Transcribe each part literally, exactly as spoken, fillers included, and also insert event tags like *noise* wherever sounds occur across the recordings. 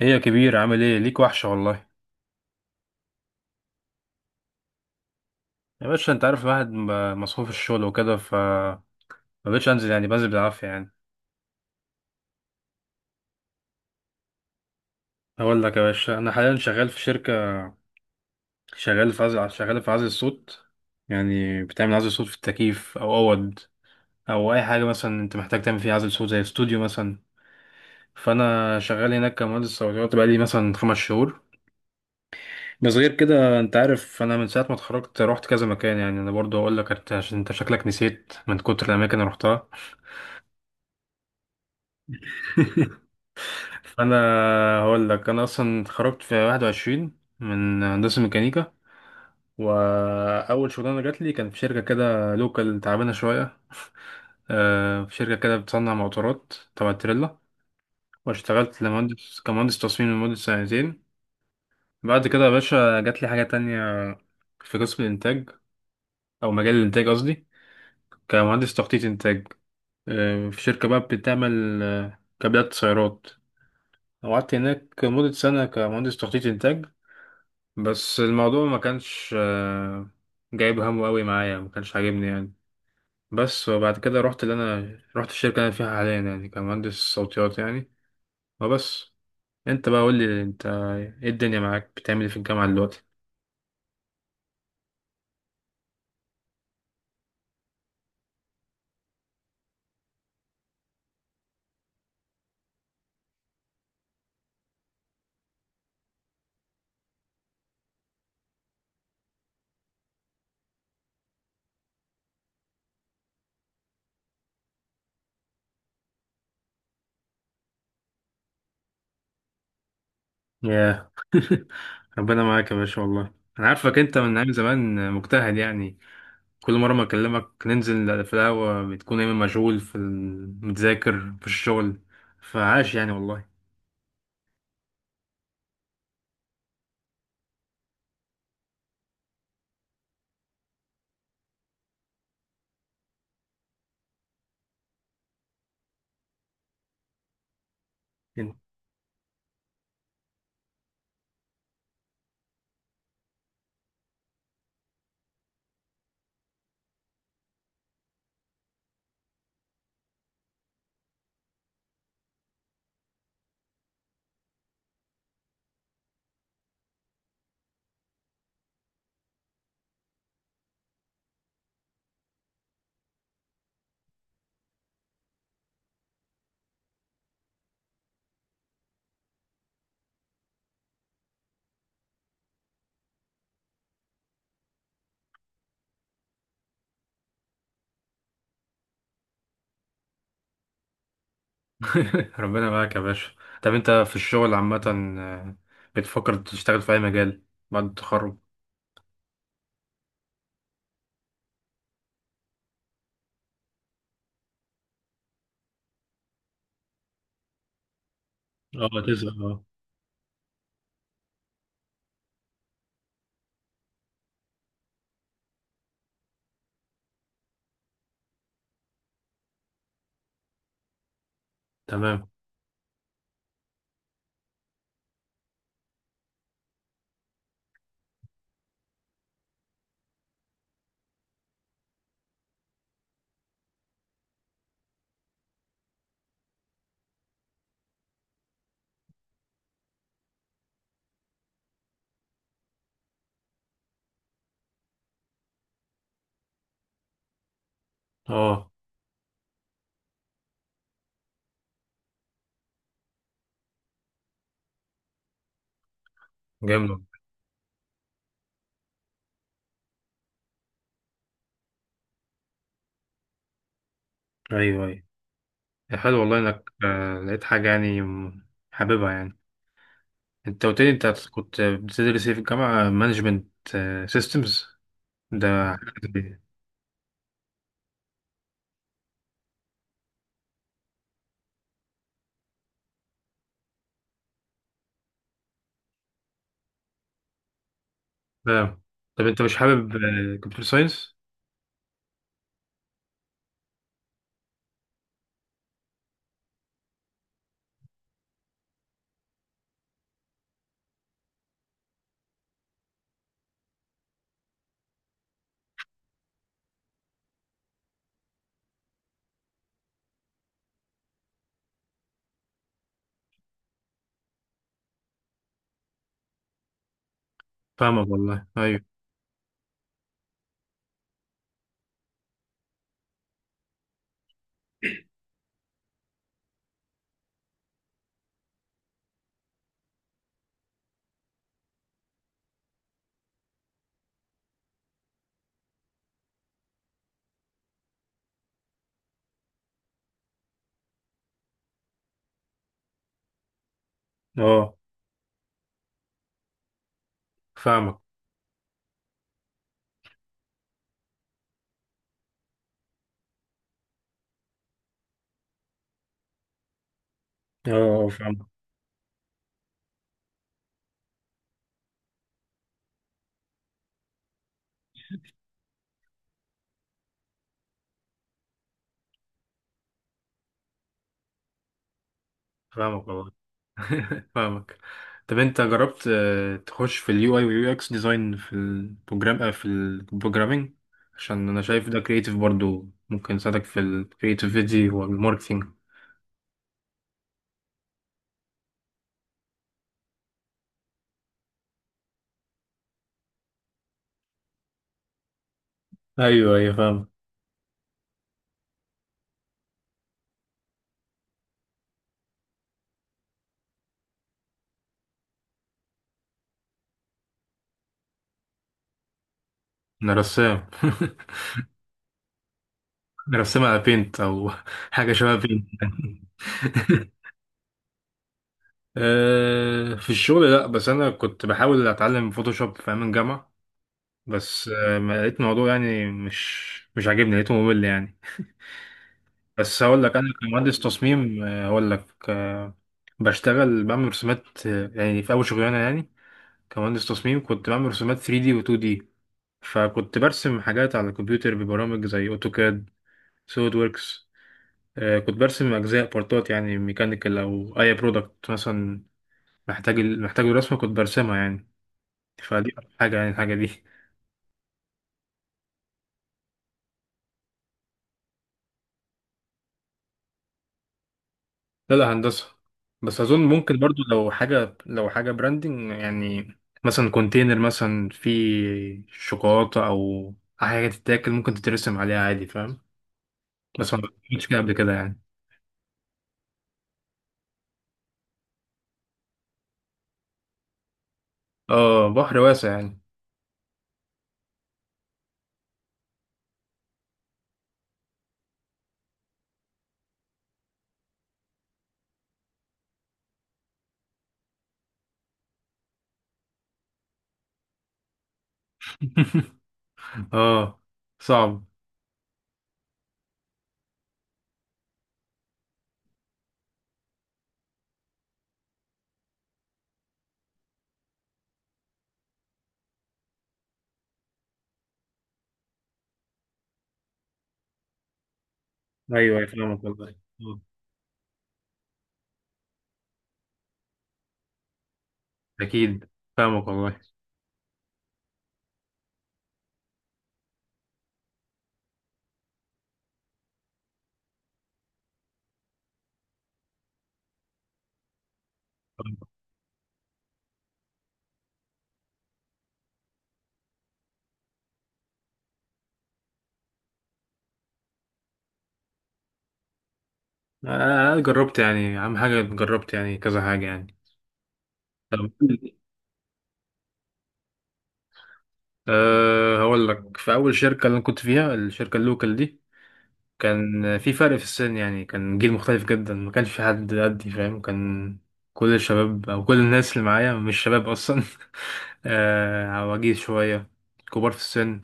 ايه يا كبير، عامل ايه؟ ليك وحشة والله. يا باشا انت عارف الواحد م- مصحوف الشغل وكده، ف ما بقتش انزل يعني، بنزل بالعافية يعني. اقول لك يا باشا، انا حاليا شغال في شركة، شغال في عزل شغال في عزل الصوت. يعني بتعمل عزل صوت في التكييف او اوض او اي حاجة مثلا انت محتاج تعمل فيها عزل صوت زي استوديو مثلا. فانا شغال هناك كمهندس صوتيات، بقالي مثلا خمس شهور. بس غير كده، انت عارف انا من ساعة ما اتخرجت رحت كذا مكان، يعني انا برضه اقول لك انت عشان انت شكلك نسيت من كتر الاماكن اللي رحتها. *laughs* فانا هقول لك انا اصلا اتخرجت في واحد وعشرين من هندسه ميكانيكا، واول شغلانه جات لي كان في شركه كده لوكال تعبانه شويه. *laughs* آه، في شركه كده بتصنع موتورات تبع تريلا، واشتغلت لمهندس كمهندس تصميم لمده سنتين. بعد كده يا باشا جات لي حاجه تانية، في قسم الانتاج، او مجال الانتاج قصدي، كمهندس تخطيط انتاج. آه، في شركه بقى بتعمل آه، كابلات سيارات. قعدت هناك مدة سنة كمهندس تخطيط إنتاج. بس الموضوع ما كانش آه، جايب همه قوي معايا، ما كانش عاجبني يعني. بس وبعد كده رحت، اللي انا رحت الشركه اللي انا فيها حاليا، يعني كمهندس صوتيات يعني، وبس. انت بقى قول لي انت، ايه الدنيا معاك؟ بتعمل ايه في الجامعه دلوقتي؟ ياه. *laughs* ربنا معاك يا باشا والله. انا عارفك انت من ايام زمان مجتهد يعني، كل مره ما اكلمك ننزل في القهوه بتكون دايما مشغول في ال- متذاكر في الشغل. فعاش يعني والله. *laughs* ربنا معاك يا باشا. طب انت في الشغل عامة، آه، بتفكر تشتغل في اي مجال بعد التخرج؟ اه تسأل، اه. تمام. اه. جامد. ايوه، ايوه. يا حلو والله انك آه، لقيت حاجة يعني م- حاببها يعني. انت قلت لي انت كنت بتدرس ايه في الجامعة؟ مانجمنت سيستمز، ده؟ تمام. طب انت مش حابب كمبيوتر ساينس؟ فاهمك والله، ايوه. اه. فاهمك. اه. آه، فاهمك. فاهمك والله. *laughs* فاهمك. طب انت جربت آه، تخش في اليو اي واليو اكس ديزاين، في البروجرام آه، في البروجرامينج؟ عشان انا شايف ده كريتيف، برضو ممكن يساعدك في الكريتيفيتي والماركتينج. ايوه ايوه فاهم. انا رسام. *laughs* انا رسام على بينت، او *laughs* حاجه شبه بينت. *laughs* آه، في الشغل لا، بس انا كنت بحاول اتعلم فوتوشوب في ايام الجامعه، بس آه، ما لقيت الموضوع يعني، مش مش عاجبني، لقيته ممل يعني. بس هقول لك انا كمهندس تصميم، آه، هقول لك، آه، بشتغل بعمل رسومات، آه، يعني في اول شغلانه يعني، كمهندس تصميم كنت بعمل رسومات ثري دي و تو دي، فكنت برسم حاجات على الكمبيوتر ببرامج زي اوتوكاد، سوليد وركس. آه، كنت برسم اجزاء بارتات يعني، ميكانيكال او اي برودكت مثلا، محتاج محتاج الرسمه كنت برسمها يعني. فدي أكتر حاجه يعني، الحاجه دي. لا لا، هندسة. بس أظن ممكن برضو، لو حاجة لو حاجة براندنج يعني، مثلا كونتينر مثلا فيه شوكولاتة أو حاجة تتاكل ممكن تترسم عليها عادي، فاهم. بس ما عملتش كده قبل كده يعني. اه، بحر واسع يعني. *laughs* اه، صعب. أيوه، أيوة، فاهمك والله. آه، أكيد فاهمك والله. أنا أنا جربت يعني، أهم حاجة جربت يعني كذا حاجة يعني. طب، أه، هقول لك في أول شركة اللي أنا كنت فيها، الشركة اللوكال دي، كان في فرق في السن يعني، كان جيل مختلف جدا، ما كانش في حد قدي فاهم. كان كل الشباب، او كل الناس اللي معايا مش شباب اصلا، *laughs* آه، عواجيز شويه، كبار في السن.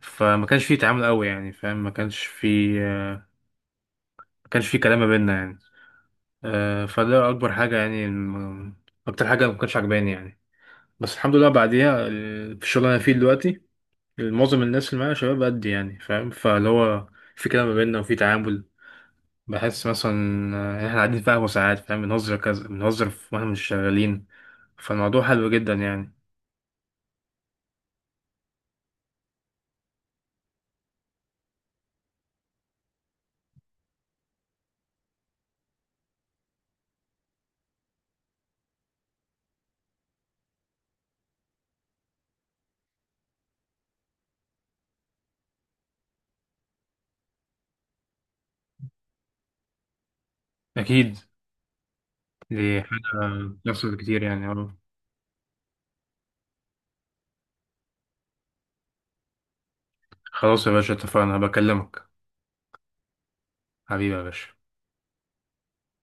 فما كانش في تعامل قوي يعني، فاهم، ما كانش في آه، ما كانش في كلام ما بيننا يعني. آه، فده اكبر حاجه يعني، الم- اكتر حاجه ما كانتش عجباني يعني. بس الحمد لله بعديها، ال- في الشغل اللي انا فيه دلوقتي، معظم الناس اللي معايا شباب قدي يعني، فاهم، فاللي هو في كلام ما بيننا وفي تعامل. بحس مثلا، آه، احنا قاعدين في قهوة ساعات، فاهم، بنهزر كذا، بنهزر في- واحنا مش شغالين. فالموضوع حلو جدا يعني. أكيد، دي حاجة بتحصل كتير يعني، آه. خلاص يا باشا، اتفقنا، بكلمك. حبيبي يا باشا.